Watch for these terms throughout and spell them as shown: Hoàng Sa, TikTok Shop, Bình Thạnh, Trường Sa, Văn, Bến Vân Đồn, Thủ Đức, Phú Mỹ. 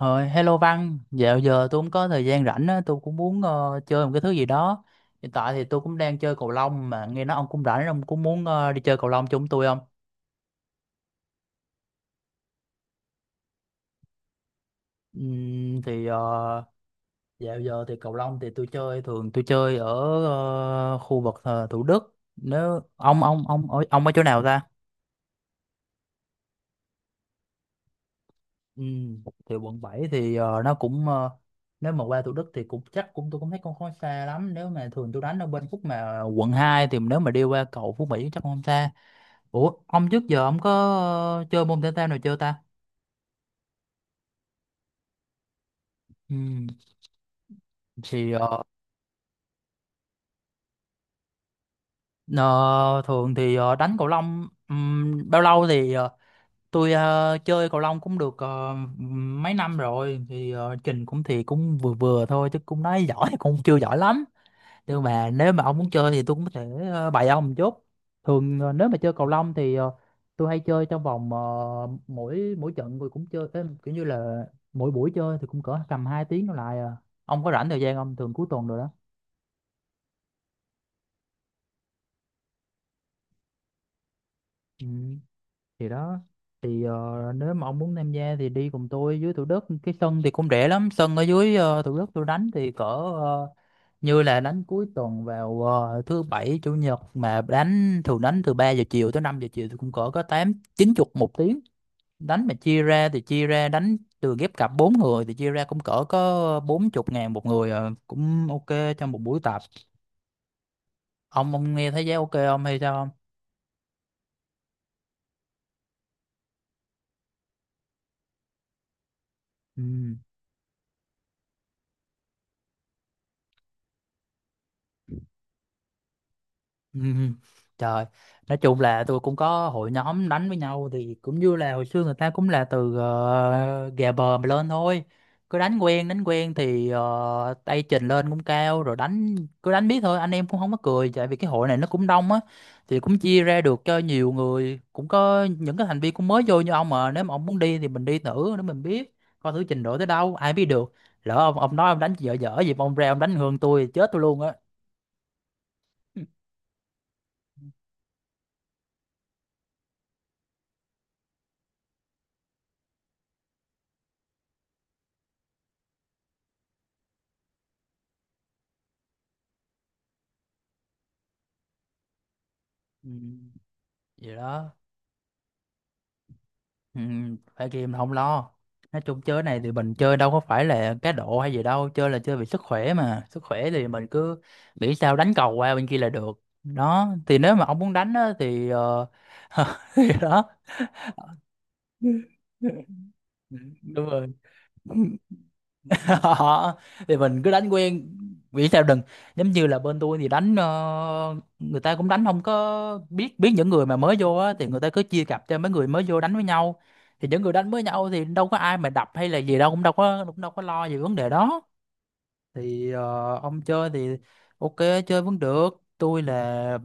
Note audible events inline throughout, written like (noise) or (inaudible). Rồi, hello Văn, dạo giờ tôi cũng có thời gian rảnh á, tôi cũng muốn chơi một cái thứ gì đó. Hiện tại thì tôi cũng đang chơi cầu lông mà nghe nói ông cũng rảnh, ông cũng muốn đi chơi cầu lông chung tôi không? Ừm, thì ờ, dạo giờ thì cầu lông thì tôi chơi, thường tôi chơi ở khu vực Thủ Đức. Nếu ông ở chỗ nào ta? Thì quận 7 thì nó cũng nếu mà qua Thủ Đức thì cũng chắc cũng tôi cũng thấy cũng không xa lắm. Nếu mà thường tôi đánh ở bên khúc mà quận 2 thì nếu mà đi qua cầu Phú Mỹ chắc không xa. Ủa, ông trước giờ ông có chơi môn thể thao nào chưa ta? Ừ, thì ờ, ờ, thường thì đánh cầu lông bao lâu thì tôi chơi cầu lông cũng được mấy năm rồi thì trình cũng thì cũng vừa vừa thôi chứ cũng nói giỏi cũng chưa giỏi lắm. Nhưng mà nếu mà ông muốn chơi thì tôi cũng có thể bày ông một chút. Thường nếu mà chơi cầu lông thì tôi hay chơi trong vòng mỗi mỗi trận tôi cũng chơi, kiểu như là mỗi buổi chơi thì cũng cỡ tầm 2 tiếng đổ lại à. Ông có rảnh thời gian không, thường cuối tuần rồi đó. Ừ. Thì đó, thì nếu mà ông muốn tham gia thì đi cùng tôi dưới Thủ Đức, cái sân thì cũng rẻ lắm, sân ở dưới Thủ Đức tôi đánh thì cỡ như là đánh cuối tuần vào thứ bảy chủ nhật mà đánh, thường đánh từ 3 giờ chiều tới 5 giờ chiều thì cũng cỡ có tám chín chục 1 tiếng. Đánh mà chia ra thì chia ra đánh từ ghép cặp bốn người thì chia ra cũng cỡ có bốn chục ngàn một người, cũng ok trong một buổi tập. Ông nghe thấy giá ok không hay sao không? Ừ. (laughs) Ừm, Trời, nói chung là tôi cũng có hội nhóm đánh với nhau thì cũng như là hồi xưa người ta cũng là từ ghè bờ mà lên thôi. Cứ đánh quen thì tay trình lên cũng cao rồi, đánh cứ đánh biết thôi, anh em cũng không có cười tại vì cái hội này nó cũng đông á thì cũng chia ra được cho nhiều người, cũng có những cái thành viên cũng mới vô như ông mà nếu mà ông muốn đi thì mình đi thử để mình biết, coi thử trình độ tới đâu, ai biết được. Lỡ ông nói ông đánh dở dở gì mà ông ra ông đánh hơn tôi thì chết tôi luôn á. (laughs) Ừ, vậy đó. Ừ, phải game là không lo, nói chung chơi này thì mình chơi đâu có phải là cá độ hay gì đâu, chơi là chơi vì sức khỏe, mà sức khỏe thì mình cứ nghĩ sao đánh cầu qua bên kia là được. Đó thì nếu mà ông muốn đánh á, thì (laughs) thì đó. Ừ, đúng rồi. Đó, thì mình cứ đánh quen vì sao đừng, giống như là bên tôi thì đánh người ta cũng đánh không có biết biết những người mà mới vô á thì người ta cứ chia cặp cho mấy người mới vô đánh với nhau. Thì những người đánh với nhau thì đâu có ai mà đập hay là gì đâu, cũng đâu có lo về vấn đề đó. Thì ông chơi thì ok, chơi vẫn được. Tôi là...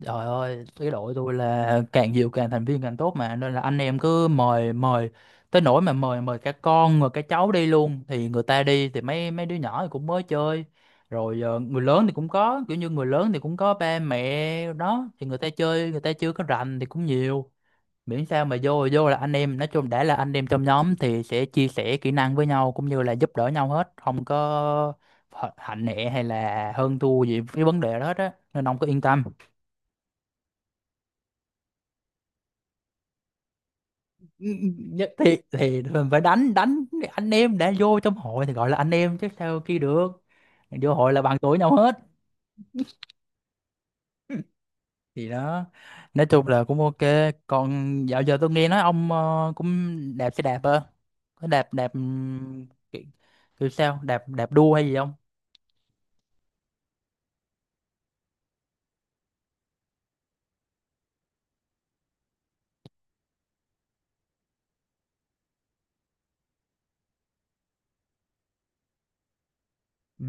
Trời ơi, cái đội tôi là càng nhiều càng thành viên càng tốt mà, nên là anh em cứ mời mời tới nỗi mà mời mời cả con rồi cả cháu đi luôn, thì người ta đi thì mấy mấy đứa nhỏ thì cũng mới chơi. Rồi người lớn thì cũng có, kiểu như người lớn thì cũng có ba mẹ đó thì người ta chơi, người ta chưa có rành thì cũng nhiều, miễn sao mà vô vô là anh em, nói chung đã là anh em trong nhóm thì sẽ chia sẻ kỹ năng với nhau cũng như là giúp đỡ nhau hết, không có hạnh nệ hay là hơn thua gì cái vấn đề đó hết á, nên ông cứ yên tâm. Nhất thì mình phải đánh đánh, anh em đã vô trong hội thì gọi là anh em chứ sao kia được, vô hội là bằng tuổi nhau hết. (laughs) Thì đó, nói chung là cũng ok. Còn dạo giờ tôi nghe nói ông cũng đạp xe đạp ơ, có đạp đạp kiểu, kiểu sao đạp, đạp đua hay gì không? Ừ.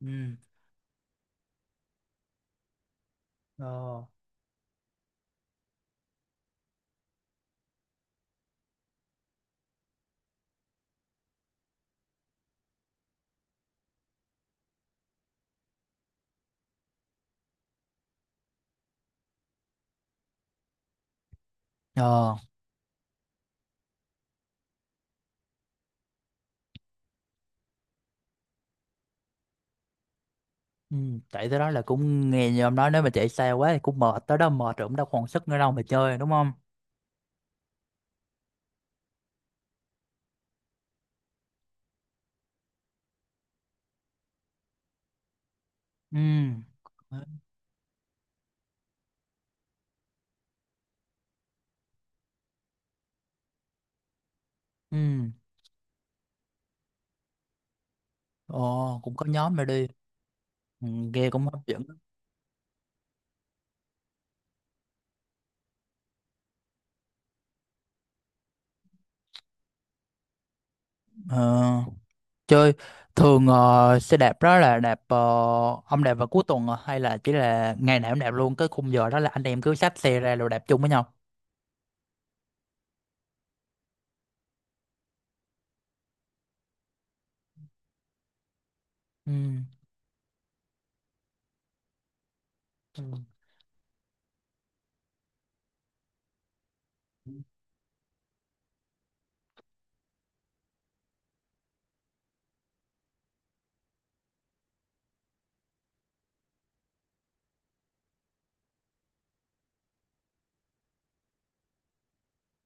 Ừ. Ờ. Ờ. Ừ. Chạy tới đó là cũng nghe như ông nói, nếu mà chạy xa quá thì cũng mệt, tới đó mệt rồi cũng đâu còn sức nữa đâu mà chơi đúng không? Ừ. Ừ. Ồ, cũng có nhóm rồi đi. Ừ, nghe cũng hấp dẫn. Ờ, chơi thường xe đạp đó là đạp ông đạp vào cuối tuần à? Hay là chỉ là ngày nào cũng đạp luôn cái khung giờ đó là anh em cứ xách xe ra rồi đạp chung với nhau. Ừ. Ừ.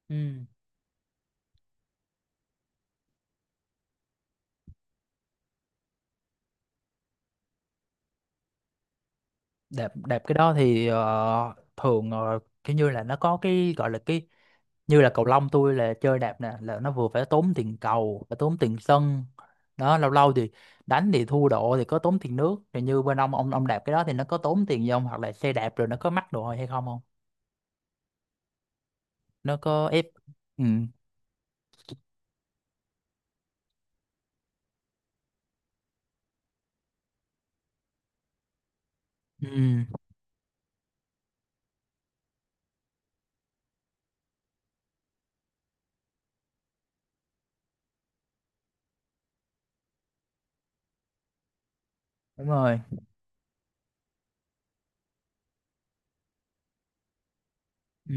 Ừ. Đạp đạp cái đó thì thường kiểu như là nó có cái gọi là cái, như là cầu lông tôi là chơi đạp nè, là nó vừa phải tốn tiền cầu phải tốn tiền sân, đó lâu lâu thì đánh thì thua độ thì có tốn tiền nước, rồi như bên ông, ông đạp cái đó thì nó có tốn tiền gì không, hoặc là xe đạp rồi nó có mắc đồ hay không không, nó có ép... Ừ. Ừ. Đúng rồi. ừ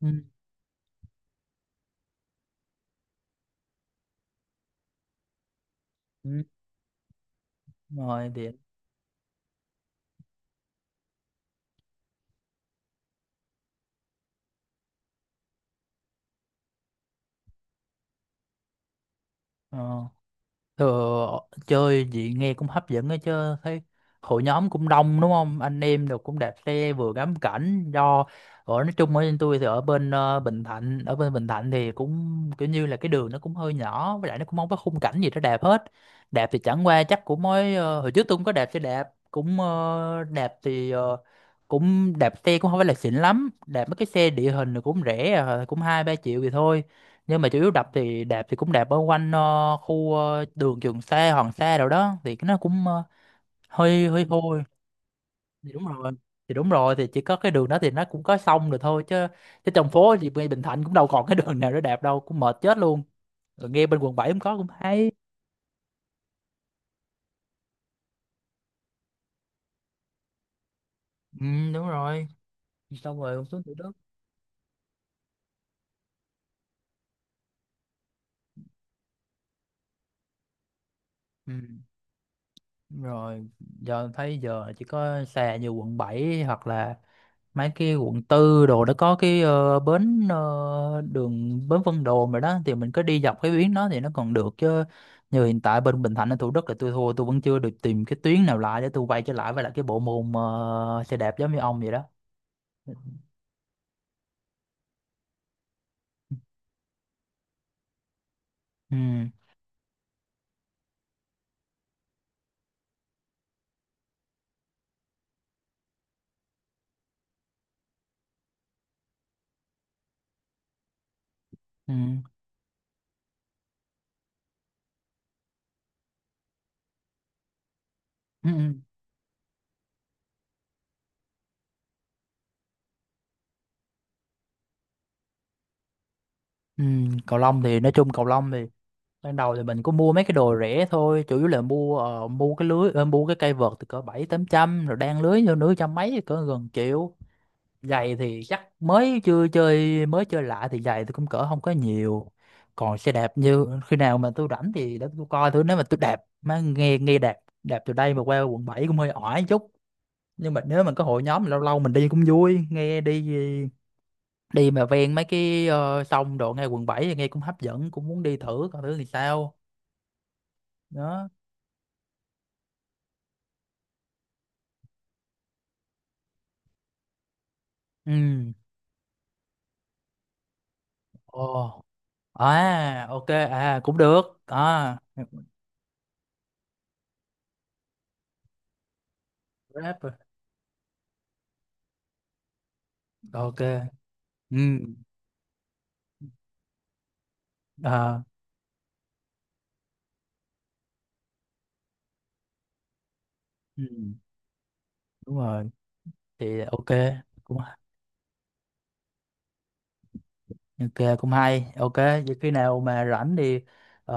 ừ, ừ. Đúng rồi thì ờ. ờ. Chơi gì nghe cũng hấp dẫn ấy chứ, thấy hội nhóm cũng đông đúng không, anh em được cũng đạp xe vừa ngắm cảnh. Do ở, nói chung ở bên tôi thì ở bên Bình Thạnh, ở bên Bình Thạnh thì cũng kiểu như là cái đường nó cũng hơi nhỏ với lại nó cũng không có khung cảnh gì để đạp hết. Đạp thì chẳng qua chắc cũng mới hồi trước tôi cũng có đạp xe đạp, cũng đạp thì cũng đạp xe cũng không phải là xịn lắm, đạp mấy cái xe địa hình thì cũng rẻ à, cũng hai ba triệu thì thôi. Nhưng mà chủ yếu đập thì đạp thì cũng đạp ở quanh khu đường Trường Sa Hoàng Sa đâu đó thì cái nó cũng hơi hơi hôi. Thì đúng rồi, thì đúng rồi, thì chỉ có cái đường đó thì nó cũng có sông rồi thôi chứ, chứ trong phố thì ngay Bình Thạnh cũng đâu còn cái đường nào để đạp đâu, cũng mệt chết luôn. Rồi nghe bên quận bảy cũng có cũng hay. Ừ, đúng rồi, xong rồi cũng xuống Thủ Đức. Ừ, đúng rồi. Giờ thấy giờ chỉ có xe như quận bảy, hoặc là mấy cái quận tư đồ đó có cái bến đường bến Vân Đồn rồi đó, thì mình cứ đi dọc cái tuyến đó thì nó còn được chứ. Như hiện tại bên Bình Thạnh ở Thủ Đức là tôi thua, tôi vẫn chưa được tìm cái tuyến nào lại để tôi quay trở lại với lại cái bộ môn xe đạp giống như ông vậy đó. Ừ. Ừ. Ừ. Ừ. Ừ. Cầu lông thì nói chung cầu lông thì ban đầu thì mình có mua mấy cái đồ rẻ thôi, chủ yếu là mua mua cái lưới, mua cái cây vợt từ cỡ bảy tám trăm, rồi đan lưới vô nửa trăm mấy, cỡ gần triệu. Giày thì chắc mới chưa chơi, mới chơi lại thì giày tôi cũng cỡ không có nhiều. Còn xe đạp như khi nào mà tôi rảnh thì để tôi coi thử, nếu mà tôi đạp má nghe, đạp, đạp từ đây mà qua quận 7 cũng hơi ỏi chút. Nhưng mà nếu mà có hội nhóm lâu lâu mình đi cũng vui nghe, đi đi mà ven mấy cái sông đồ ngay quận bảy thì nghe cũng hấp dẫn, cũng muốn đi thử coi thử thì sao. Đó. Ừ. Ồ. À ok, à cũng được à. Rap. Ok. Ừ. À. Ừ. Đúng rồi thì ok. Cũng ok, cũng hay, ok vậy khi nào mà rảnh thì ờ,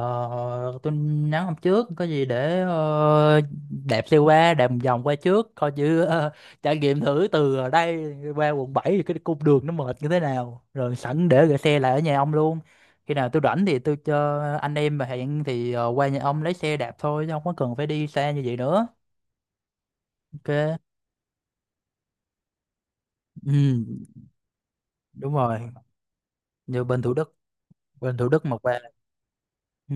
tôi nhắn hôm trước có gì để đẹp xe qua, đẹp một vòng qua trước coi như (laughs) trải nghiệm thử từ ở đây qua quận 7 thì cái cung đường nó mệt như thế nào, rồi sẵn để gửi xe lại ở nhà ông luôn. Khi nào tôi rảnh thì tôi cho anh em mà hẹn thì qua nhà ông lấy xe đạp thôi chứ không có cần phải đi xa như vậy nữa. Ok. Ừ, đúng rồi. Như bên Thủ Đức, bên Thủ Đức một ba. Ừ.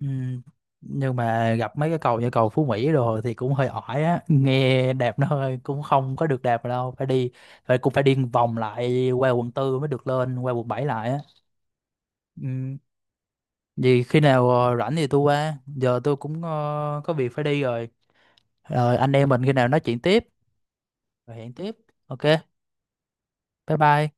Ừ. Nhưng mà gặp mấy cái cầu như cầu Phú Mỹ rồi thì cũng hơi ỏi á nghe, đẹp nó hơi cũng không có được đẹp đâu, phải đi phải cũng phải đi vòng lại qua quận tư mới được lên qua quận 7 lại á. Ừ. Vì khi nào rảnh thì tôi qua, giờ tôi cũng có việc phải đi rồi, rồi anh em mình khi nào nói chuyện tiếp, rồi hẹn tiếp. Ok, bye bye.